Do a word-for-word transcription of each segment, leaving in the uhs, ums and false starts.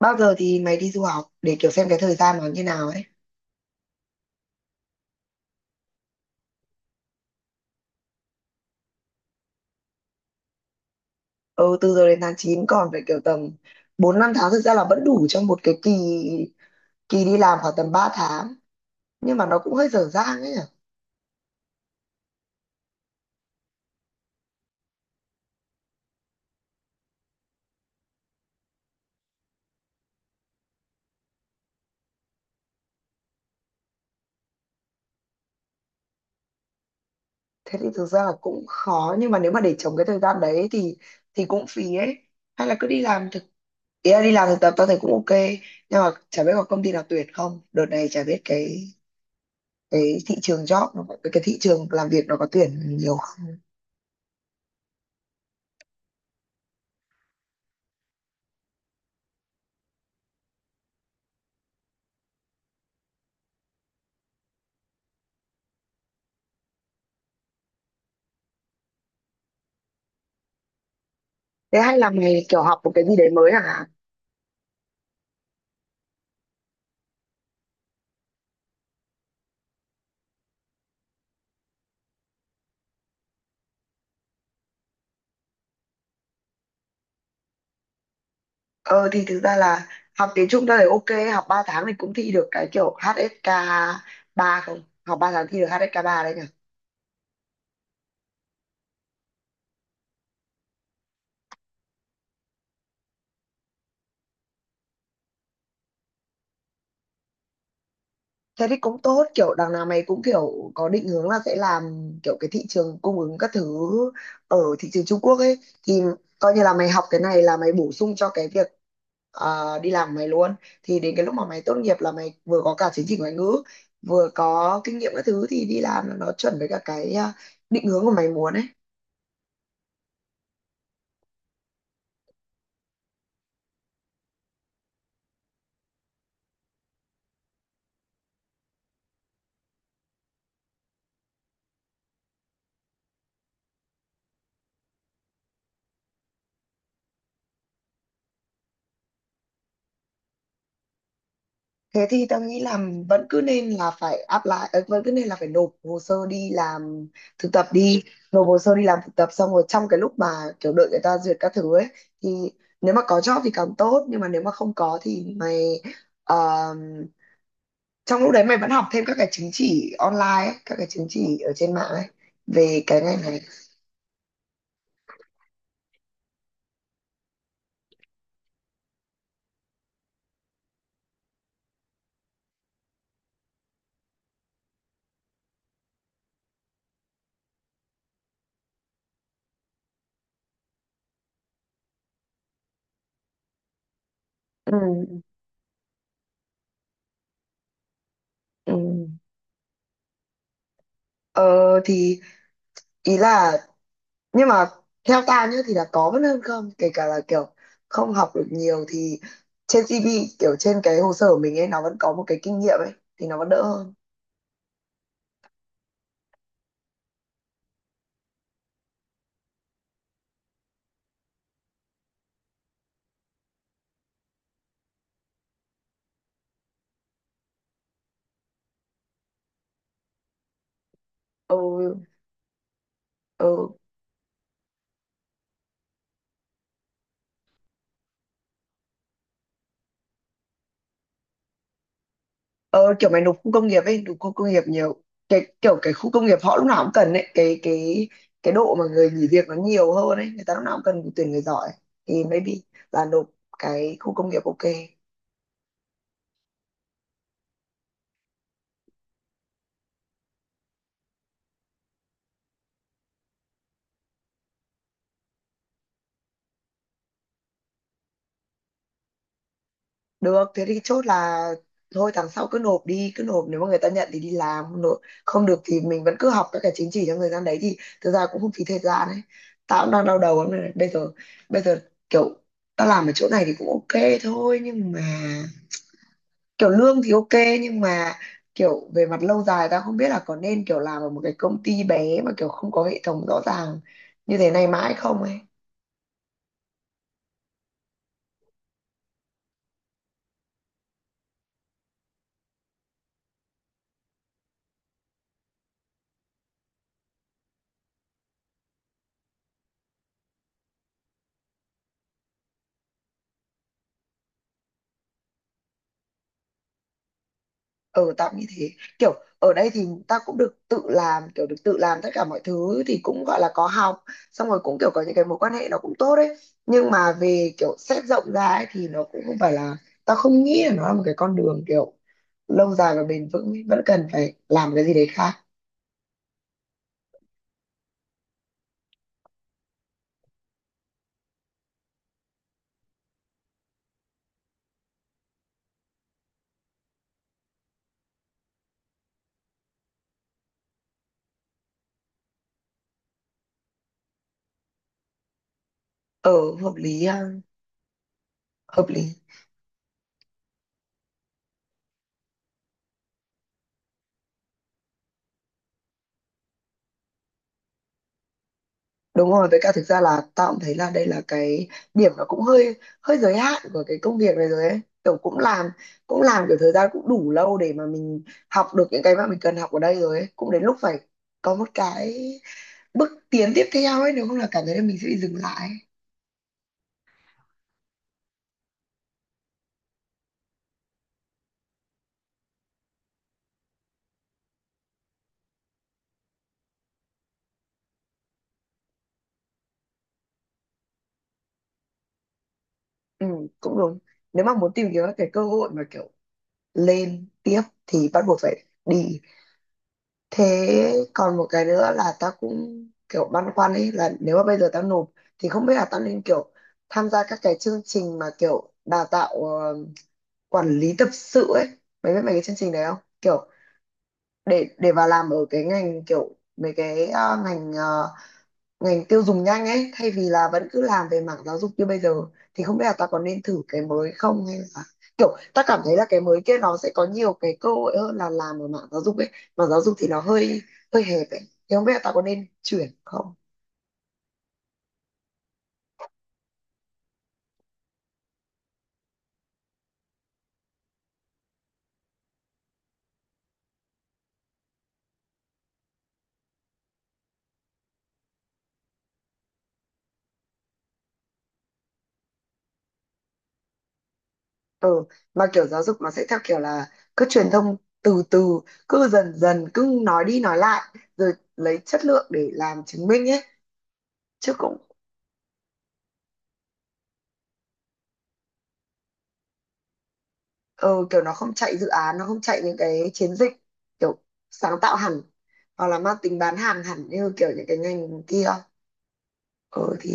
Bao giờ thì mày đi du học để kiểu xem cái thời gian nó như nào ấy? Ừ, từ giờ đến tháng chín còn phải kiểu tầm bốn năm tháng, thực ra là vẫn đủ cho một cái kỳ kỳ đi làm khoảng tầm ba tháng. Nhưng mà nó cũng hơi dở dang ấy nhỉ. Thế thì thực ra là cũng khó, nhưng mà nếu mà để trống cái thời gian đấy thì thì cũng phí ấy. Hay là cứ đi làm thực ý là đi làm thực tập tao thấy cũng ok, nhưng mà chả biết có công ty nào tuyển không. Đợt này chả biết cái cái thị trường job nó có- cái thị trường làm việc nó có tuyển nhiều không. Thế hay là mày kiểu học một cái gì đấy mới hả? Ờ thì thực ra là học tiếng Trung tôi thấy ok, học ba tháng thì cũng thi được cái kiểu ếch ét kây ba, không học ba tháng thi được ếch ét kây ba đấy nhỉ. Thế thì cũng tốt, kiểu đằng nào mày cũng kiểu có định hướng là sẽ làm kiểu cái thị trường cung ứng các thứ ở thị trường Trung Quốc ấy, thì coi như là mày học cái này là mày bổ sung cho cái việc ờ, đi làm của mày luôn. Thì đến cái lúc mà mày tốt nghiệp là mày vừa có cả chứng chỉ ngoại ngữ, vừa có kinh nghiệm các thứ, thì đi làm là nó chuẩn với cả cái ờ, định hướng của mày muốn ấy. Thế thì tao nghĩ là vẫn cứ nên là phải apply, ờ, vẫn cứ nên là phải nộp hồ sơ đi làm thực tập đi, nộp hồ sơ đi làm thực tập xong rồi trong cái lúc mà kiểu đợi người ta duyệt các thứ ấy thì nếu mà có job thì càng tốt, nhưng mà nếu mà không có thì mày ờ, trong lúc đấy mày vẫn học thêm các cái chứng chỉ online ấy, các cái chứng chỉ ở trên mạng ấy về cái ngành này. Ừ. Ừ. Ờ thì ý là Nhưng mà theo ta nhá thì là có vẫn hơn không, kể cả là kiểu không học được nhiều thì trên si vi, kiểu trên cái hồ sơ của mình ấy, nó vẫn có một cái kinh nghiệm ấy, thì nó vẫn đỡ hơn. Ừ. Ừ. Ừ, kiểu mày nộp khu công nghiệp ấy, nộp khu công nghiệp nhiều. Cái kiểu cái khu công nghiệp họ lúc nào cũng cần ấy, cái cái cái độ mà người nghỉ việc nó nhiều hơn ấy, người ta lúc nào cũng cần tuyển người giỏi, thì maybe là nộp cái khu công nghiệp ok. Được, thế thì chốt là thôi tháng sau cứ nộp đi, cứ nộp, nếu mà người ta nhận thì đi làm, không nộp không được thì mình vẫn cứ học các cái chứng chỉ trong thời gian đấy thì thực ra cũng không phí thời gian ấy. Tao cũng đang đau đầu lắm này. Bây giờ bây giờ kiểu tao làm ở chỗ này thì cũng ok thôi, nhưng mà kiểu lương thì ok, nhưng mà kiểu về mặt lâu dài tao không biết là có nên kiểu làm ở một cái công ty bé mà kiểu không có hệ thống rõ ràng như thế này mãi không ấy. Ừ tạm như thế, kiểu ở đây thì ta cũng được tự làm, kiểu được tự làm tất cả mọi thứ thì cũng gọi là có học, xong rồi cũng kiểu có những cái mối quan hệ nó cũng tốt đấy, nhưng mà về kiểu xét rộng ra ấy, thì nó cũng không phải là ta không nghĩ là nó là một cái con đường kiểu lâu dài và bền vững ấy. Vẫn cần phải làm cái gì đấy khác. Ờ, hợp lý ha. Hợp lý. Đúng rồi, với cả thực ra là tao cũng thấy là đây là cái điểm nó cũng hơi hơi giới hạn của cái công việc này rồi ấy. Kiểu cũng làm cũng làm kiểu thời gian cũng đủ lâu để mà mình học được những cái mà mình cần học ở đây rồi ấy. Cũng đến lúc phải có một cái bước tiến tiếp theo ấy, nếu không là cảm thấy là mình sẽ bị dừng lại ấy. Ừ, cũng đúng. Nếu mà muốn tìm kiếm các cái cơ hội mà kiểu lên tiếp thì bắt buộc phải đi. Thế còn một cái nữa là tao cũng kiểu băn khoăn ấy, là nếu mà bây giờ tao nộp thì không biết là tao nên kiểu tham gia các cái chương trình mà kiểu đào tạo ờ, quản lý tập sự ấy. Mày biết mấy cái chương trình đấy không? Kiểu để để vào làm ở cái ngành kiểu mấy cái ờ, ngành ờ, ngành tiêu dùng nhanh ấy, thay vì là vẫn cứ làm về mảng giáo dục như bây giờ, thì không biết là ta có nên thử cái mới không, hay là kiểu ta cảm thấy là cái mới kia nó sẽ có nhiều cái cơ hội hơn là làm ở mảng giáo dục ấy. Mà giáo dục thì nó hơi hơi hẹp ấy, thì không biết là ta có nên chuyển không. Ừ, mà kiểu giáo dục nó sẽ theo kiểu là cứ truyền thông từ từ, cứ dần dần, cứ nói đi nói lại rồi lấy chất lượng để làm chứng minh ấy, chứ cũng ừ, kiểu nó không chạy dự án, nó không chạy những cái chiến dịch kiểu sáng tạo hẳn, hoặc là mang tính bán hàng hẳn như kiểu những cái ngành kia. Ừ thì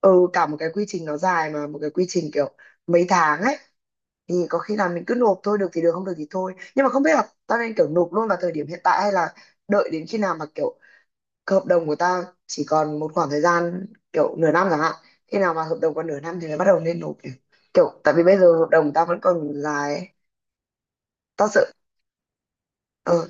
Ừ, cả một cái quy trình nó dài, mà một cái quy trình kiểu mấy tháng ấy, thì có khi là mình cứ nộp thôi, được thì được, không được thì thôi, nhưng mà không biết là tao nên kiểu nộp luôn vào thời điểm hiện tại hay là đợi đến khi nào mà kiểu cái hợp đồng của tao chỉ còn một khoảng thời gian kiểu nửa năm chẳng hạn, khi nào mà hợp đồng còn nửa năm thì mới bắt đầu nên nộp nhỉ? Kiểu tại vì bây giờ hợp đồng tao vẫn còn dài ấy. Tao sợ. Ờ,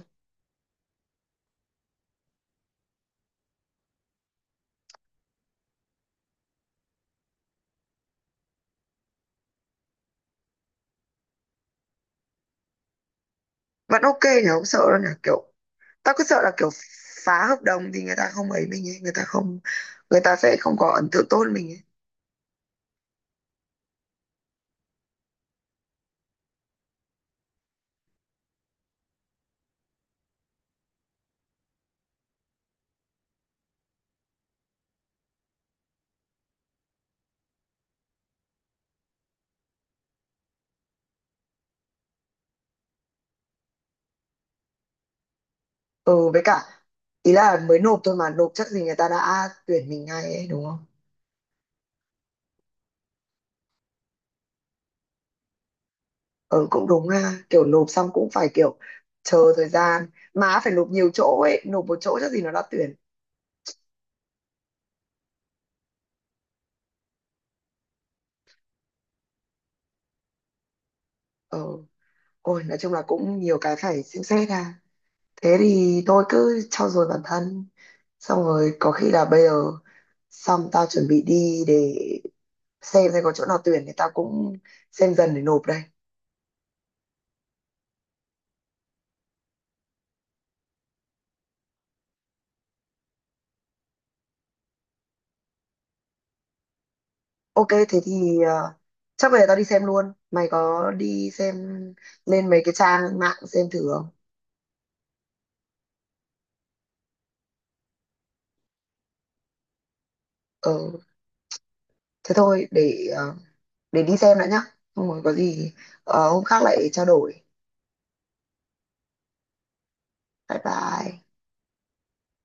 vẫn ok thì không sợ đâu nhỉ, kiểu tao cứ sợ là kiểu phá hợp đồng thì người ta không ấy mình ấy người ta không người ta sẽ không có ấn tượng tốt với mình ấy. Ừ, với cả ý là mới nộp thôi, mà nộp chắc gì người ta đã tuyển mình ngay ấy, đúng không? Ừ cũng đúng ha, kiểu nộp xong cũng phải kiểu chờ thời gian, mà phải nộp nhiều chỗ ấy, nộp một chỗ chắc gì nó đã tuyển. Ừ. Ôi nói chung là cũng nhiều cái phải xem xét ha, thế thì tôi cứ trau dồi bản thân, xong rồi có khi là bây giờ xong tao chuẩn bị đi để xem xem có chỗ nào tuyển thì tao cũng xem dần để nộp đây. Ok thế thì ờ, chắc bây giờ tao đi xem luôn, mày có đi xem lên mấy cái trang mạng xem thử không? Ờ thế thôi, để ờ, để đi xem đã nhá, không rồi có gì ờ, hôm khác lại trao đổi. Bye bye.